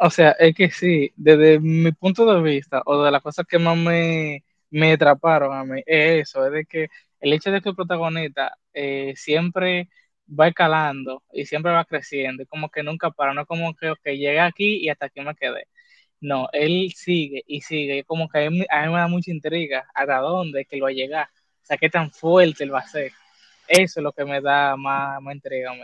O sea, es que sí, desde mi punto de vista, o de las cosas que más me atraparon a mí, es eso, es de que el hecho de que el protagonista siempre va escalando y siempre va creciendo, y como que nunca para, no es como que okay, llegué aquí y hasta aquí me quedé. No, él sigue y sigue, y como que a mí me da mucha intriga hasta dónde es que él va a llegar, o sea, qué tan fuerte él va a ser. Eso es lo que me da más intriga a mí.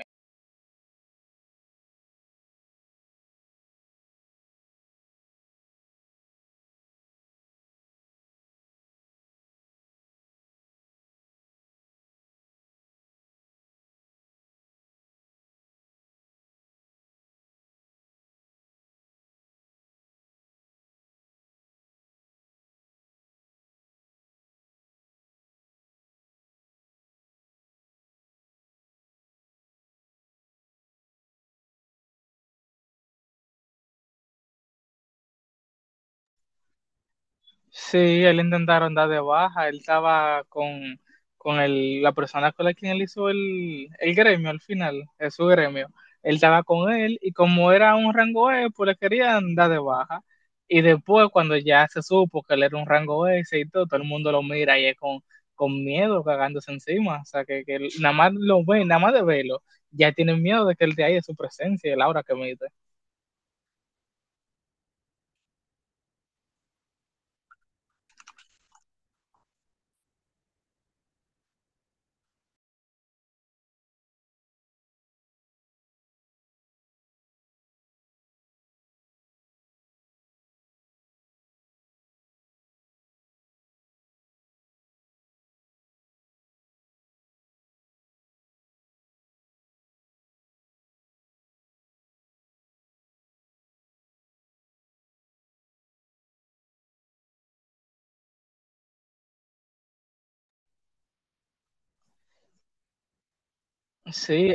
Sí, él intentaron dar de baja, él estaba con la persona con la quien él hizo el gremio al final, es su gremio. Él estaba con él y como era un rango E, pues le querían dar de baja. Y después cuando ya se supo que él era un rango S y todo, todo el mundo lo mira y es con miedo, cagándose encima. O sea, que nada más lo ven, nada más de verlo, ya tienen miedo de que él de ahí es su presencia, el aura que emite. Sí,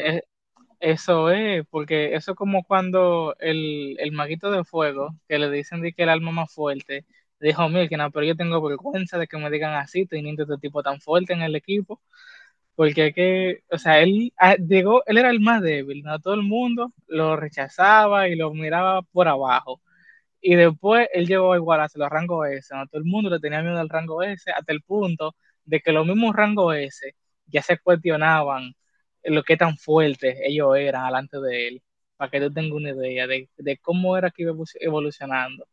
eso es, porque eso es como cuando el maguito de fuego, que le dicen de que el alma más fuerte, dijo, Milkina, pero yo tengo vergüenza de que me digan así, teniendo este tipo tan fuerte en el equipo, porque es que, o sea, él llegó, él era el más débil, ¿no? Todo el mundo lo rechazaba y lo miraba por abajo. Y después él llegó igual a los rangos S, ¿no? Todo el mundo le tenía miedo al rango S, hasta el punto de que los mismos rangos S ya se cuestionaban lo que tan fuertes ellos eran delante de él, para que tú tengas una idea de cómo era que iba evolucionando,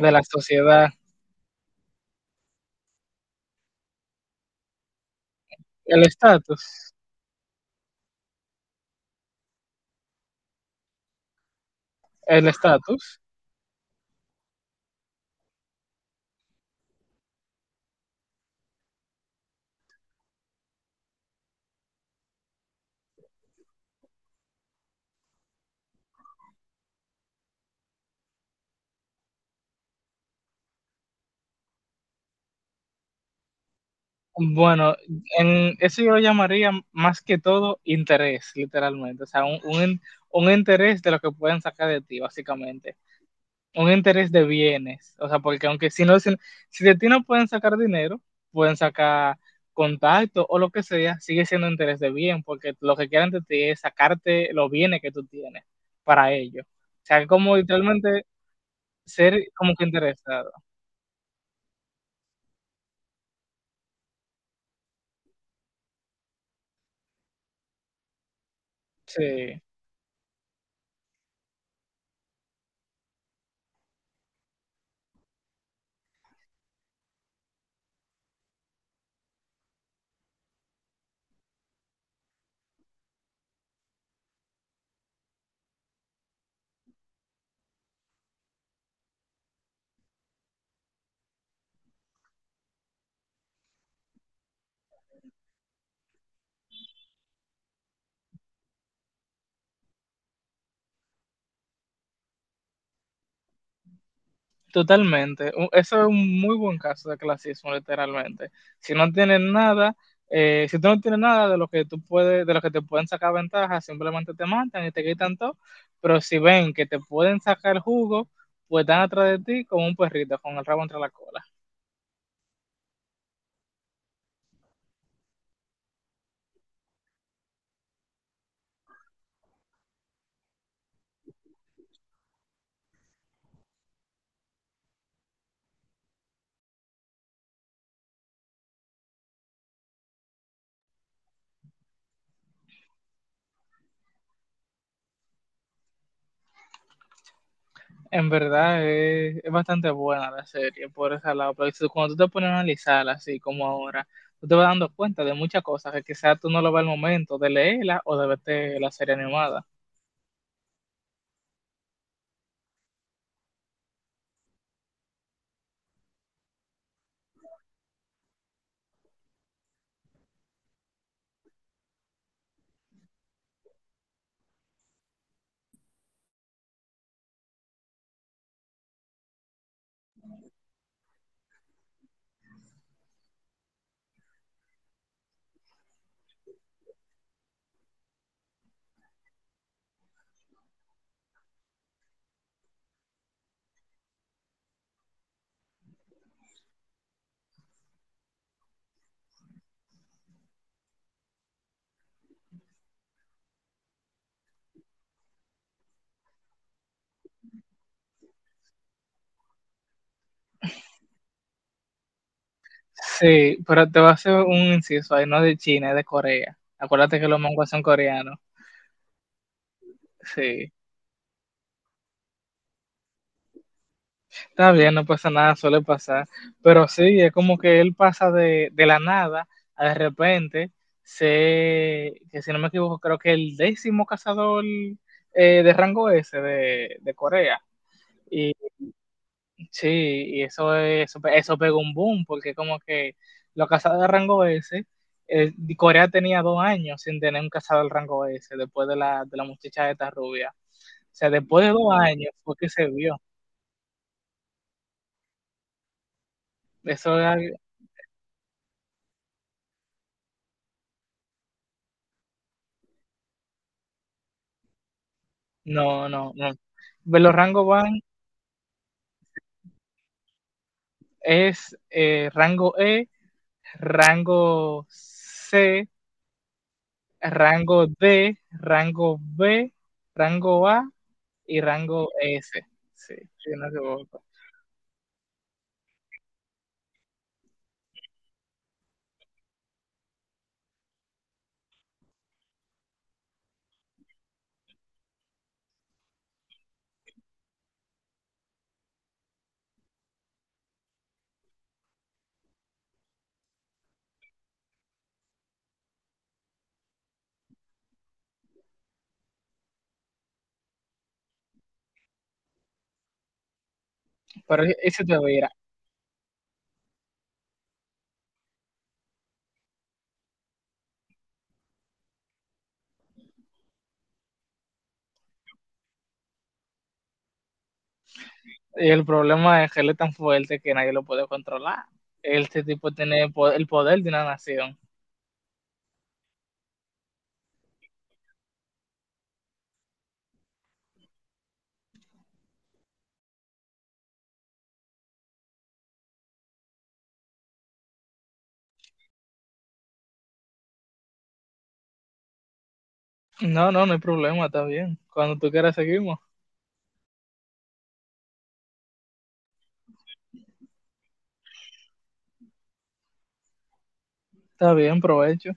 de la sociedad, el estatus, el estatus. Bueno, en eso yo lo llamaría más que todo interés, literalmente. O sea, un interés de lo que pueden sacar de ti, básicamente. Un interés de bienes, o sea, porque aunque si no, si, si de ti no pueden sacar dinero, pueden sacar contacto o lo que sea, sigue siendo interés de bien, porque lo que quieren de ti es sacarte los bienes que tú tienes para ellos. O sea, como literalmente ser como que interesado. Sí. Totalmente. Eso es un muy buen caso de clasismo, literalmente. Si no tienes nada, si tú no tienes nada de lo que tú puedes, de lo que te pueden sacar ventaja, simplemente te matan y te quitan todo. Pero si ven que te pueden sacar jugo, pues están atrás de ti como un perrito con el rabo entre la cola. En verdad es bastante buena la serie por ese lado, pero cuando tú te pones a analizarla así como ahora, tú te vas dando cuenta de muchas cosas que quizás tú no lo ves al momento de leerla o de verte la serie animada. Sí, pero te voy a hacer un inciso ahí, no de China, es de Corea. Acuérdate que los mangos son coreanos. Sí, está bien, no pasa nada, suele pasar. Pero sí, es como que él pasa de la nada a de repente sé que si no me equivoco, creo que el décimo cazador de rango S de Corea. Sí, y eso, eso pegó un boom, porque como que los cazados de rango S, Corea tenía 2 años sin tener un cazador del rango S después de la muchacha esta rubia. O sea, después de 2 años fue que se vio. Eso era- no, no, no. Ve, los rangos van es rango E, rango C, rango D, rango B, rango A y rango S. Sí, si no me equivoco. Pero ese te voy. Y el problema es que él es tan fuerte que nadie lo puede controlar. Este tipo tiene el poder de una nación. No, no, no hay problema, está bien. Cuando tú quieras seguimos. Está bien, provecho.